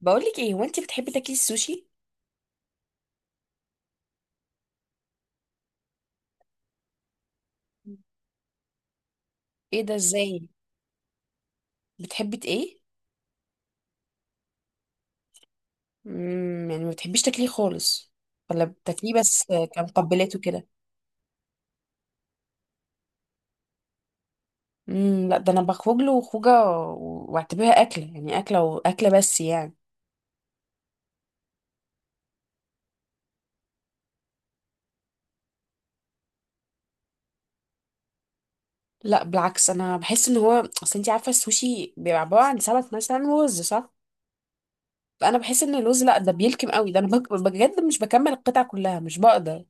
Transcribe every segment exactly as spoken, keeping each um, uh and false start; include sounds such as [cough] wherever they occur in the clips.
بقولك ايه، هو انت بتحبي تاكلي السوشي؟ ايه ده؟ ازاي؟ بتحبي ت- ايه؟ امم يعني ما بتحبيش تاكليه خالص ولا بتاكليه بس كمقبلات وكده؟ امم لا، ده انا بخرج له خوجه و- واعتبرها اكله، يعني اكله واكله بس يعني. لا بالعكس، انا بحس ان هو اصل انت عارفه السوشي بيبقى عباره عن سمك مثلا ورز، صح؟ فانا بحس ان الرز لا ده بيلكم قوي، ده انا بك- بجد مش بكمل القطعه كلها، مش بقدر.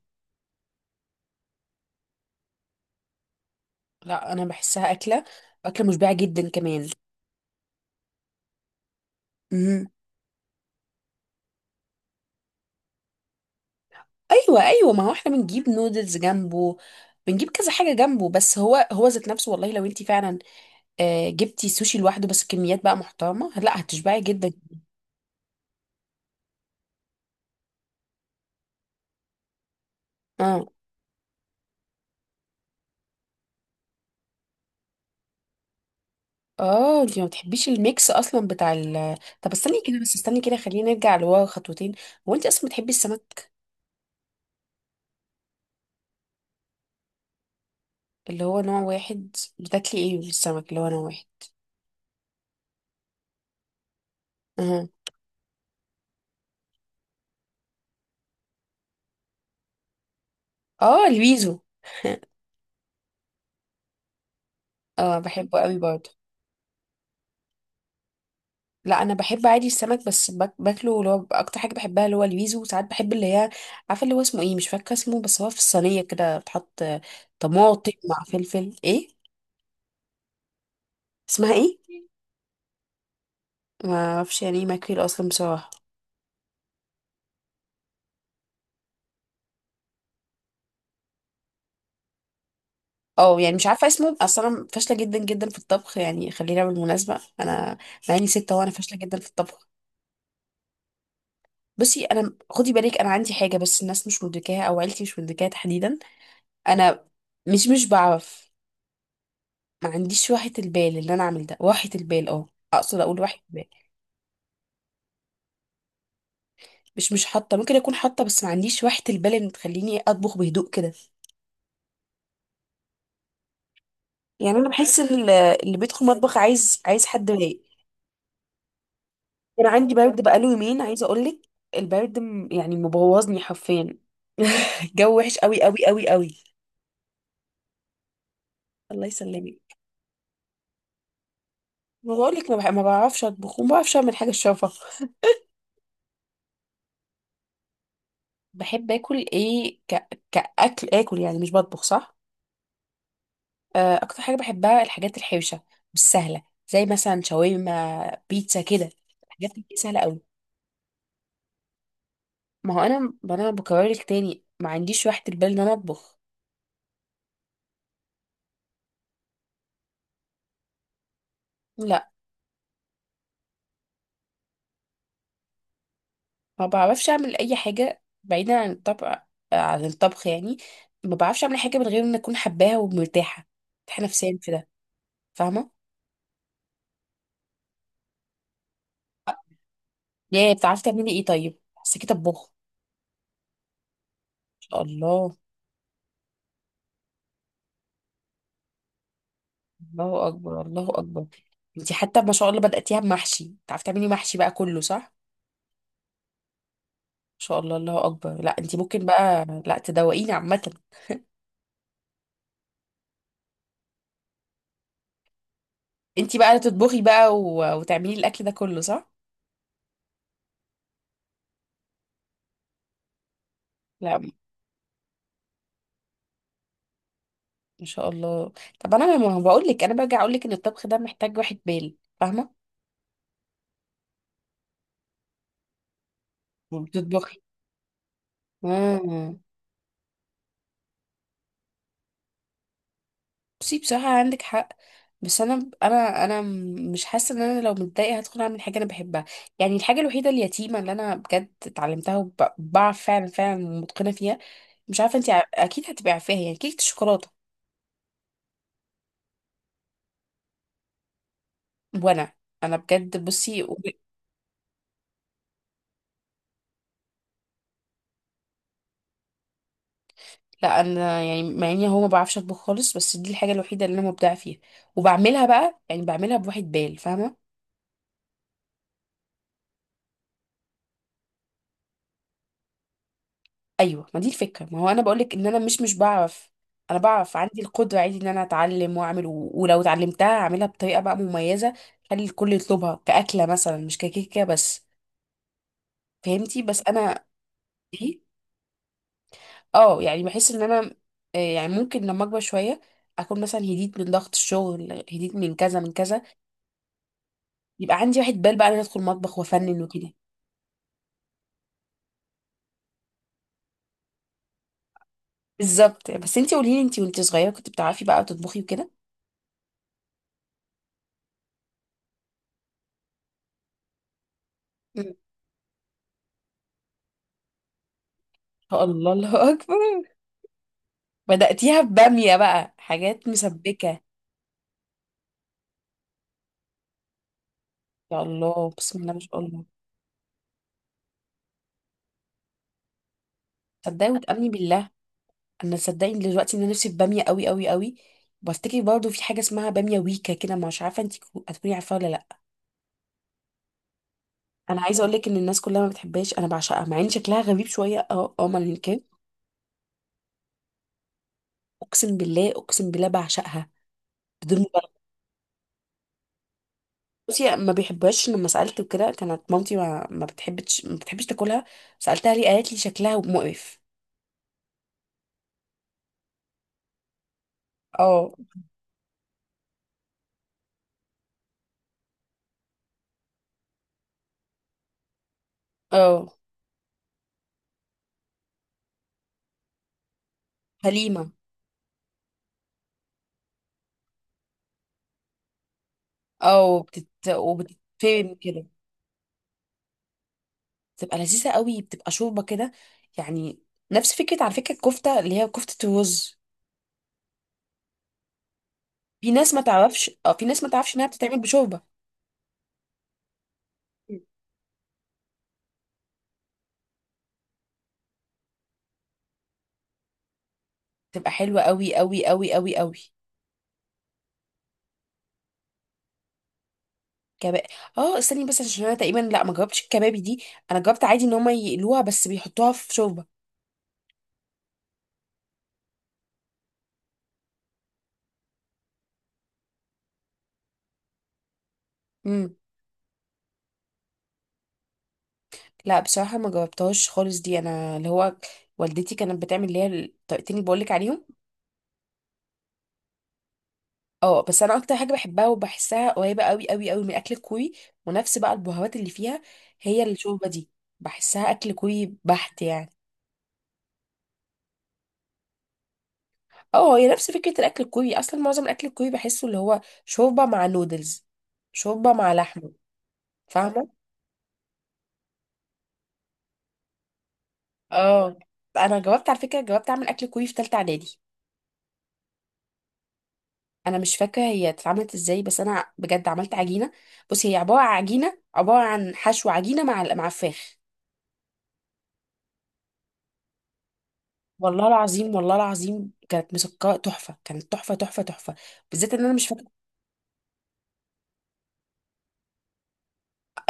لا انا بحسها اكله، اكله مشبعه جدا كمان. ايوه ايوه، ما هو احنا بنجيب نودلز جنبه، بنجيب كذا حاجه جنبه، بس هو هو ذات نفسه والله لو انت فعلا آه، جبتي سوشي لوحده بس كميات بقى محترمه لا هتشبعي جدا. اه اه، انت ما بتحبيش الميكس اصلا بتاع ال... طب استني كده، بس استني كده، خلينا نرجع لورا خطوتين. هو انت اصلا بتحبي السمك؟ اللي هو نوع واحد؟ بتاكلي ايه من السمك اللي هو نوع واحد؟ اه، اه الويزو. [laughs] اه بحبه قوي برضه. لا انا بحب عادي السمك، بس باك- باكله، اللي هو اكتر حاجه بحبها اللي هو الويزو، وساعات بحب اللي هي عارفه اللي هو اسمه ايه، مش فاكره اسمه، بس هو في الصينيه كده بتحط طماطم مع فلفل، ايه اسمها ايه؟ ما اعرفش يعني ايه ماكريل اصلا بصراحه. اه يعني مش عارفه اسمه اصلا، انا فاشله جدا جدا في الطبخ، يعني خلينا بالمناسبه انا يعني ستة وانا فاشله جدا في الطبخ. بصي انا خدي بالك، انا عندي حاجه بس الناس مش مدركاها، او عيلتي مش مدركاها تحديدا. انا مش مش بعرف. ما عنديش راحة البال اللي انا اعمل ده راحة البال، اه اقصد اقول راحة بال. مش مش حاطة، ممكن اكون حاطة، بس ما عنديش راحة البال اللي تخليني اطبخ بهدوء كده. يعني انا بحس ان ال- اللي بيدخل مطبخ عايز، عايز حد رايق. انا عندي برد بقاله يومين عايزة اقول لك، البرد م- يعني مبوظني حرفيا. [laughs] الجو وحش قوي قوي قوي قوي. الله يسلمك. ما بقولك ما, بح- ما بعرفش اطبخ وما بعرفش اعمل حاجة الشافة. بحب اكل ايه ك... كاكل اكل، يعني مش بطبخ، صح؟ آه، اكتر حاجه بحبها الحاجات الحوشه، مش سهله، زي مثلا شاورما، بيتزا كده. الحاجات دي سهله قوي؟ ما هو انا انا بكرر لك تاني، ما عنديش راحه البال ان انا اطبخ. لا ما بعرفش اعمل اي حاجه بعيدا عن الطبخ، آه، عن الطبخ يعني. ما بعرفش اعمل حاجه من غير ان اكون حباها ومرتاحه، مرتاحه نفسيا في ده، فاهمه. يا بتعرفي تعملي ايه طيب؟ حسيتي طباخه ما شاء الله؟ الله اكبر، الله اكبر. انتي حتى ما شاء الله بدأتيها بمحشي، بتعرفي تعملي محشي بقى كله، صح؟ شاء الله الله اكبر، لا انت ممكن بقى لا تدوقيني عامه. انت بقى تطبخي بقى و... وتعملي الاكل ده كله، صح؟ لا ما شاء الله. طب انا ما بقول لك، انا برجع اقول لك ان الطبخ ده محتاج واحد بال، فاهمه. وبتطبخي. امم. بصي بصراحه عندك حق، بس انا انا انا م- مش حاسه ان انا لو متضايقه هدخل اعمل حاجه انا بحبها. يعني الحاجه الوحيده اليتيمه اللي انا بجد اتعلمتها وبعرف فعلا فعلا ومتقنه فيها، مش عارفه انت اكيد هتبقى عارفاها، يعني كيكه الشوكولاته. وانا، انا بجد بصي. لا انا يعني مع اني هو ما بعرفش اطبخ خالص، بس دي الحاجه الوحيده اللي انا مبدعه فيها، وبعملها بقى، يعني بعملها بواحد بال، فاهمه. ايوه، ما دي الفكره، ما هو انا بقولك ان انا مش مش بعرف. انا بعرف، عندي القدره عادي ان انا اتعلم واعمل و... ولو اتعلمتها اعملها بطريقه بقى مميزه، خلي الكل يطلبها كاكله مثلا مش ككيكه بس. فهمتي؟ بس انا دي، اه يعني بحس ان انا، آه، يعني ممكن لما اكبر شويه اكون مثلا هديت من ضغط الشغل، هديت من كذا من كذا، يبقى عندي واحد بال بقى ان انا ادخل مطبخ وافنن وكده. بالظبط. بس انتي قولي لي، انتي وانتي صغيره كنت بتعرفي بقى تطبخي وكده؟ مم. يا الله، الله اكبر. بدأتيها بباميه بقى، حاجات مسبكه. يا الله، بسم الله ما شاء الله. صدقي وتأمني بالله، انا صدقي دلوقتي ان انا نفسي في باميه قوي قوي قوي. بفتكر برضه في حاجه اسمها باميه ويكا كده، مش عارفه انت هتكوني عارفاها ولا لا. انا عايزه اقول لك ان الناس كلها ما بتحبهاش، انا بعشقها مع ان شكلها غريب شويه. اه اه، ما كان. اقسم بالله اقسم بالله بعشقها بدون. بصي ما بيحبهاش، لما سألت وكده كانت مامتي ما, ما بتحبش، ما بتحبش تاكلها. سألتها ليه، قالت لي شكلها مقرف. اه، اه. حليمة. اه، وبتت وبتتفهم كده، بتبقى لذيذة قوي، بتبقى شوربة كده يعني. نفس فكرة على فكرة الكفتة، اللي هي كفتة الرز. في ناس ما تعرفش، اه في ناس ما تعرفش انها بتتعمل بشوربة. بتبقى حلوة قوي قوي قوي قوي قوي. كباب. اه استني بس، عشان انا تقريبا لا ما جربتش الكبابي دي. انا جربت عادي ان هم يقلوها بس بيحطوها في شوربة. لا بصراحة ما جربتهاش خالص دي، انا اللي هو والدتي كانت بتعمل اللي هي الطريقتين اللي بقولك عليهم. اه، بس انا اكتر حاجة بحبها وبحسها قريبة قوي قوي قوي من الاكل الكوري، ونفس بقى البهارات اللي فيها، هي الشوربة دي بحسها اكل كوري بحت يعني. اه هي نفس فكرة الاكل الكوري، اصلا معظم الاكل الكوري بحسه اللي هو شوربة مع نودلز، شوربة مع لحمة، فاهمة. اه انا جربت على فكرة، جربت اعمل اكل كوري في تالتة اعدادي. انا مش فاكره هي اتعملت ازاي، بس انا بجد عملت عجينه. بصي هي عباره عن عجينه، عباره عن حشو عجينه مع مع فراخ. والله العظيم، والله العظيم كانت مسكره تحفه، كانت تحفه تحفه تحفه، بالذات ان انا مش فاكره.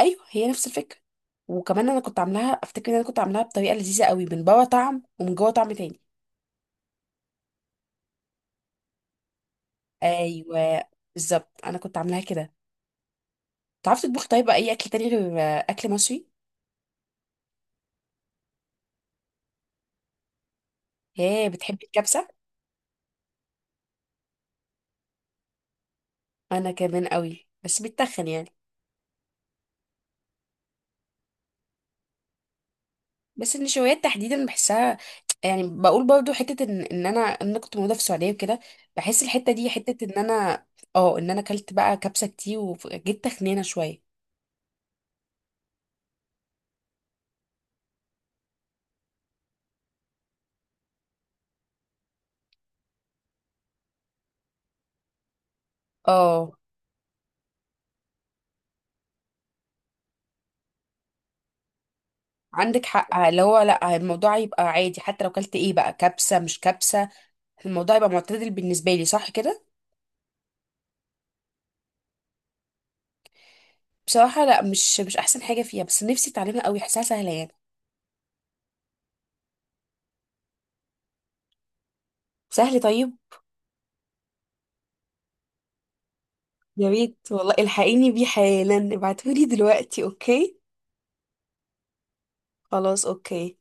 ايوه هي نفس الفكره، وكمان انا كنت عاملاها افتكر ان انا كنت عاملاها بطريقه لذيذه قوي، من بره طعم ومن جوه طعم تاني. ايوه بالظبط، انا كنت عاملاها كده. تعرفي تطبخ طيب اي اكل تاني غير آه، اكل مصري؟ ايه بتحبي الكبسه؟ انا كمان قوي، بس بتخن يعني، بس النشويات تحديدا بحسها، يعني بقول برضو حته ان ان انا ان انا كنت موجوده في السعوديه وكده، بحس الحته دي حته ان انا اه ان انا اكلت بقى كبسه كتير وجيت تخنانه شويه. اه عندك حق، اللي هو لا الموضوع يبقى عادي، حتى لو كلت ايه بقى كبسه مش كبسه الموضوع يبقى معتدل بالنسبه لي، صح كده. بصراحه لا، مش مش احسن حاجه فيها، بس نفسي اتعلمها قوي، حاساها سهله يعني. سهل طيب. يا ريت والله، الحقيني بيه حالا، ابعتولي دلوقتي. اوكي، خلاص، اوكي.